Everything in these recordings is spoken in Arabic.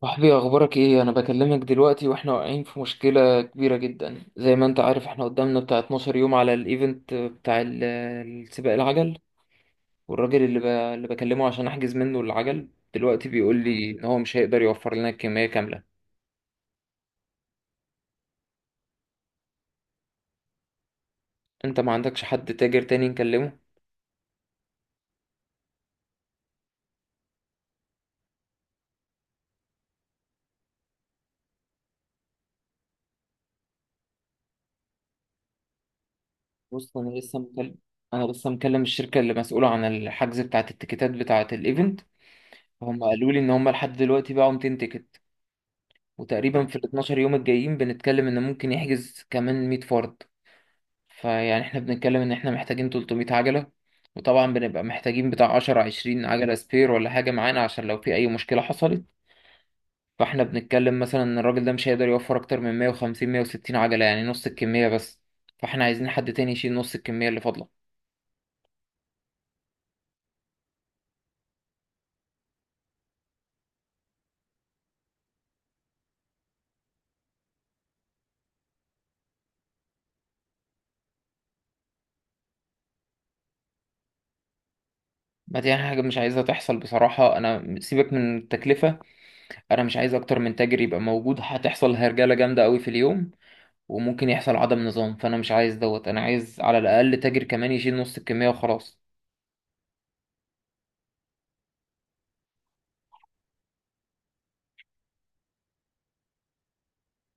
صاحبي اخبارك ايه؟ انا بكلمك دلوقتي واحنا واقعين في مشكله كبيره جدا، زي ما انت عارف احنا قدامنا بتاع 12 يوم على الايفنت بتاع السباق العجل. والراجل اللي اللي بكلمه عشان احجز منه العجل دلوقتي بيقول لي ان هو مش هيقدر يوفر لنا الكميه كامله. انت ما عندكش حد تاجر تاني نكلمه؟ بص، انا لسه مكلم الشركه اللي مسؤوله عن الحجز بتاعه التيكيتات بتاعه الايفنت. هم قالوا لي ان هم لحد دلوقتي باعوا 200 تيكت، وتقريبا في ال 12 يوم الجايين بنتكلم ان ممكن يحجز كمان 100 فرد. فيعني احنا بنتكلم ان احنا محتاجين 300 عجلة. وطبعا بنبقى محتاجين بتاع 10 20 عجلة سبير ولا حاجة معانا عشان لو في اي مشكلة حصلت. فاحنا بنتكلم مثلا ان الراجل ده مش هيقدر يوفر اكتر من 150 160 عجلة يعني نص الكمية بس. فاحنا عايزين حد تاني يشيل نص الكمية اللي فاضلة. ما دي حاجة مش عايزها تحصل بصراحة. أنا سيبك من التكلفة، أنا مش عايز أكتر من تاجر يبقى موجود. هتحصل هرجلة جامدة أوي في اليوم وممكن يحصل عدم نظام، فأنا مش عايز دوت. أنا عايز على الأقل تاجر كمان يشيل نص الكمية وخلاص.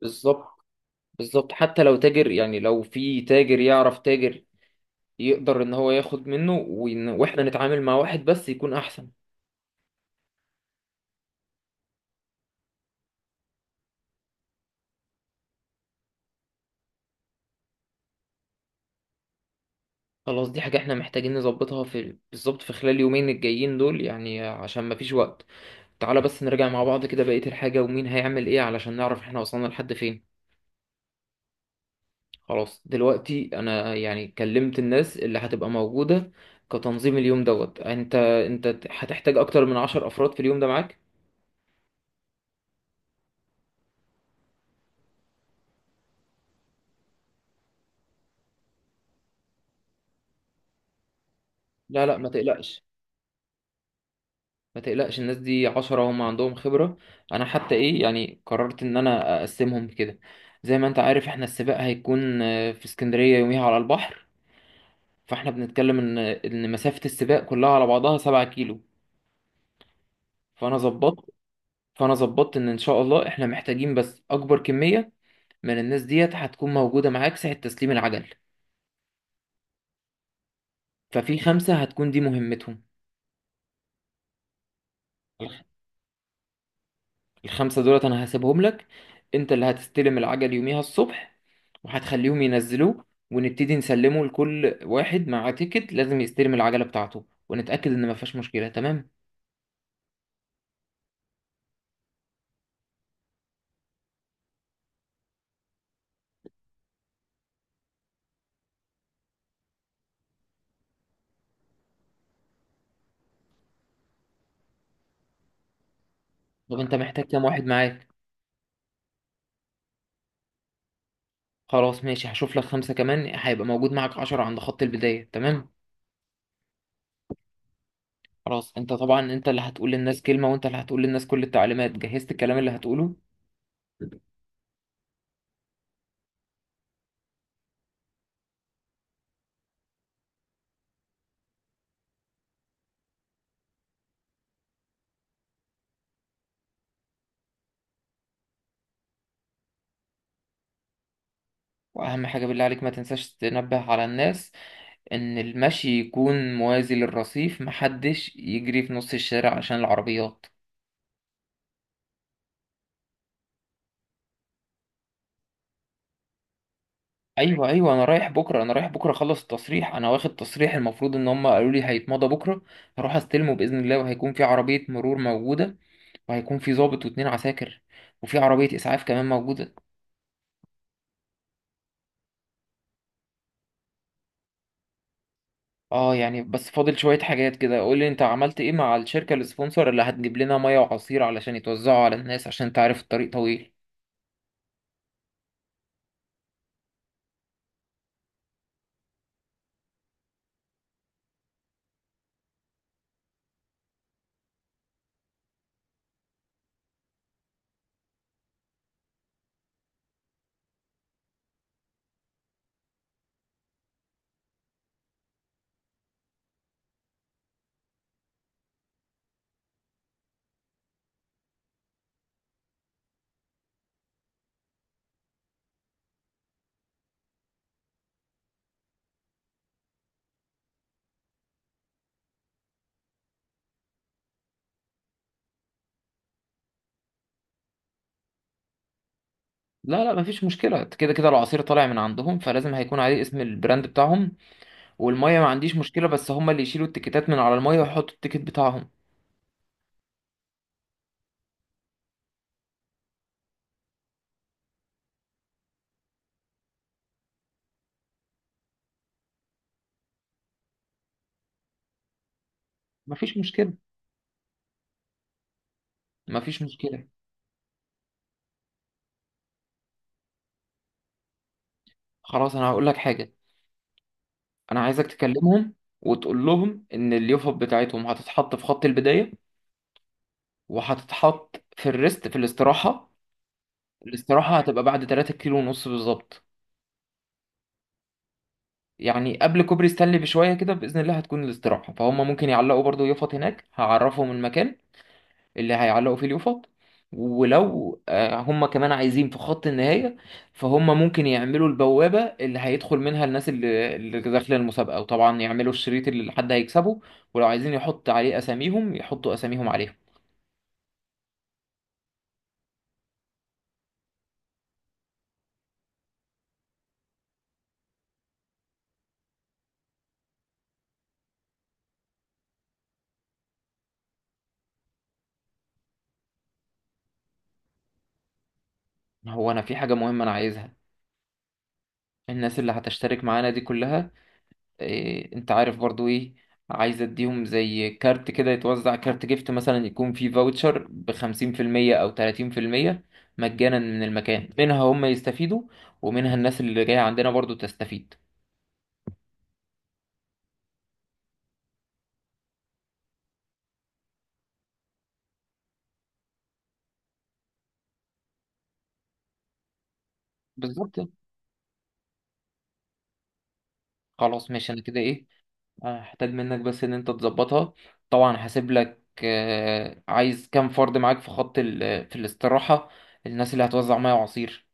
بالظبط. بالظبط، حتى لو تاجر، يعني لو في تاجر يعرف تاجر يقدر ان هو ياخد منه، وإن واحنا نتعامل مع واحد بس يكون احسن. خلاص، دي حاجة احنا محتاجين نظبطها في بالظبط في خلال يومين الجايين دول يعني عشان مفيش وقت. تعالى بس نرجع مع بعض كده بقية الحاجة ومين هيعمل ايه علشان نعرف احنا وصلنا لحد فين. خلاص دلوقتي انا يعني كلمت الناس اللي هتبقى موجودة كتنظيم اليوم دوت. انت هتحتاج اكتر من عشر افراد في اليوم ده معاك؟ لا لا، ما تقلقش. ما تقلقش الناس دي عشرة هم عندهم خبرة. أنا حتى إيه، يعني قررت إن أنا أقسمهم كده. زي ما أنت عارف إحنا السباق هيكون في اسكندرية يوميها على البحر. فإحنا بنتكلم إن مسافة السباق كلها على بعضها سبعة كيلو. فأنا ظبطت فأنا ظبطت إن إن شاء الله إحنا محتاجين بس أكبر كمية من الناس ديت هتكون موجودة معاك ساعة تسليم العجل. ففي خمسة هتكون دي مهمتهم. الخمسة دولت أنا هسيبهم لك، أنت اللي هتستلم العجل يوميها الصبح وهتخليهم ينزلوه، ونبتدي نسلمه لكل واحد مع تيكت. لازم يستلم العجلة بتاعته ونتأكد إن مفيهاش مشكلة. تمام. طب أنت محتاج كام واحد معاك؟ خلاص ماشي، هشوف لك خمسة كمان هيبقى موجود معاك عشرة عند خط البداية. تمام خلاص. أنت طبعا أنت اللي هتقول للناس كلمة، وأنت اللي هتقول للناس كل التعليمات. جهزت الكلام اللي هتقوله؟ وأهم حاجة بالله عليك، ما تنساش تنبه على الناس ان المشي يكون موازي للرصيف، محدش يجري في نص الشارع عشان العربيات. ايوه ايوه، انا رايح بكره اخلص التصريح. انا واخد تصريح، المفروض ان هم قالوا لي هيتمضى بكره. هروح استلمه باذن الله، وهيكون في عربيه مرور موجوده، وهيكون في ضابط واتنين عساكر، وفي عربيه اسعاف كمان موجوده. اه يعني بس فاضل شويه حاجات كده. قول لي انت عملت ايه مع الشركه السبونسر اللي هتجيب لنا ميه وعصير علشان يتوزعوا على الناس، عشان تعرف الطريق طويل. لا لا، مفيش مشكلة. كده كده العصير طالع من عندهم فلازم هيكون عليه اسم البراند بتاعهم. والمية ما عنديش مشكلة، بس هما اللي يشيلوا التيكيتات من على المية ويحطوا التيكيت بتاعهم. مفيش مشكلة، مفيش مشكلة. خلاص أنا هقول لك حاجة، أنا عايزك تكلمهم وتقول لهم إن اليوفب بتاعتهم هتتحط في خط البداية، وهتتحط في الريست في الاستراحة. الاستراحة هتبقى بعد 3 كيلو ونص بالظبط. يعني قبل كوبري ستانلي بشوية كده بإذن الله هتكون الاستراحة، فهم ممكن يعلقوا برضو يفط هناك، هعرفهم المكان اللي هيعلقوا فيه اليوفط. ولو هم كمان عايزين في خط النهاية، فهم ممكن يعملوا البوابة اللي هيدخل منها الناس اللي داخلة المسابقة، وطبعا يعملوا الشريط اللي حد هيكسبه، ولو عايزين يحط عليه أساميهم يحطوا أساميهم عليهم. هو أنا في حاجة مهمة أنا عايزها. الناس اللي هتشترك معانا دي كلها، إيه انت عارف برضو ايه، عايز اديهم زي كارت كده يتوزع، كارت جيفت مثلا يكون فيه فاوتشر بخمسين في المية او تلاتين في المية مجانا من المكان. منها هم يستفيدوا ومنها الناس اللي جاية عندنا برضو تستفيد. بالظبط. خلاص ماشي، انا كده ايه هحتاج منك بس ان انت تظبطها. طبعا هسيب لك، عايز كام فرد معاك في خط في الاستراحة الناس اللي هتوزع ميه وعصير؟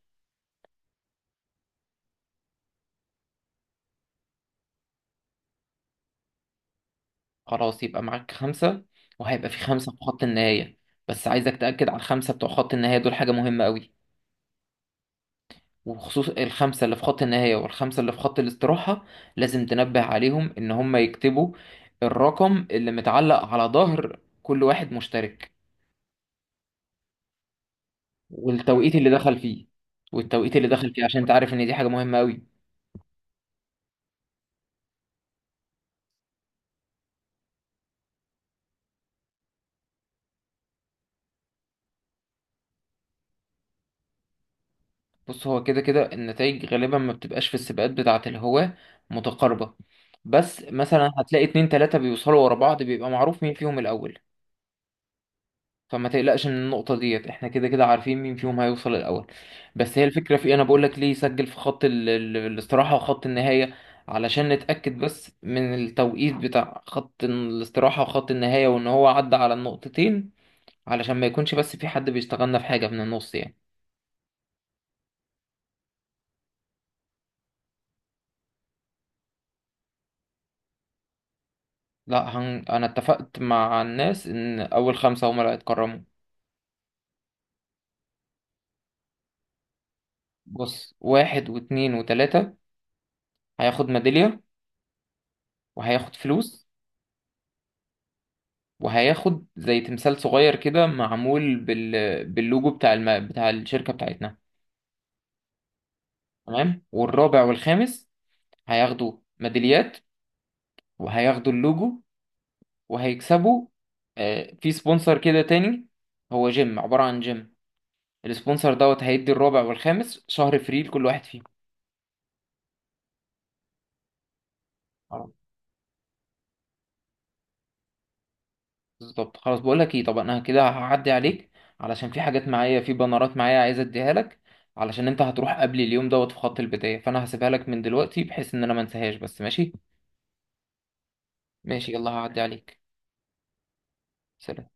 خلاص يبقى معاك خمسة، وهيبقى في خمسة في خط النهاية. بس عايزك تأكد على الخمسة بتوع خط النهاية دول، حاجة مهمة قوي. وخصوص الخمسة اللي في خط النهاية والخمسة اللي في خط الاستراحة، لازم تنبه عليهم إن هم يكتبوا الرقم اللي متعلق على ظهر كل واحد مشترك والتوقيت اللي دخل فيه. والتوقيت اللي دخل فيه، عشان تعرف إن دي حاجة مهمة قوي. بص هو كده كده النتائج غالبا ما بتبقاش في السباقات بتاعة الهواة متقاربة، بس مثلا هتلاقي اتنين تلاتة بيوصلوا ورا بعض بيبقى معروف مين فيهم الأول. فما تقلقش من النقطة ديت، احنا كده كده عارفين مين فيهم هيوصل الأول. بس هي الفكرة في ايه؟ انا بقول لك ليه سجل في خط الاستراحة وخط النهاية، علشان نتأكد بس من التوقيت بتاع خط الاستراحة وخط النهاية وان هو عدى على النقطتين، علشان ما يكونش بس في حد بيشتغلنا في حاجة من النص يعني. لا انا اتفقت مع الناس ان اول خمسة هما اللي هيتكرموا. بص واحد واتنين وتلاتة هياخد ميدالية، وهياخد فلوس، وهياخد زي تمثال صغير كده معمول باللوجو بتاع بتاع الشركة بتاعتنا. تمام. والرابع والخامس هياخدوا ميداليات وهياخدوا اللوجو وهيكسبوا، آه، في سبونسر كده تاني هو جيم، عبارة عن جيم. السبونسر دوت هيدي الرابع والخامس شهر فري لكل واحد فيهم. بالظبط. خلاص بقول لك ايه، طب انا كده هعدي عليك علشان في حاجات معايا، في بنرات معايا عايز اديها لك، علشان انت هتروح قبل اليوم دوت في خط البداية، فانا هسيبها لك من دلوقتي بحيث ان انا ما انساهاش بس. ماشي. ماشي يلا هعدي عليك. سلام.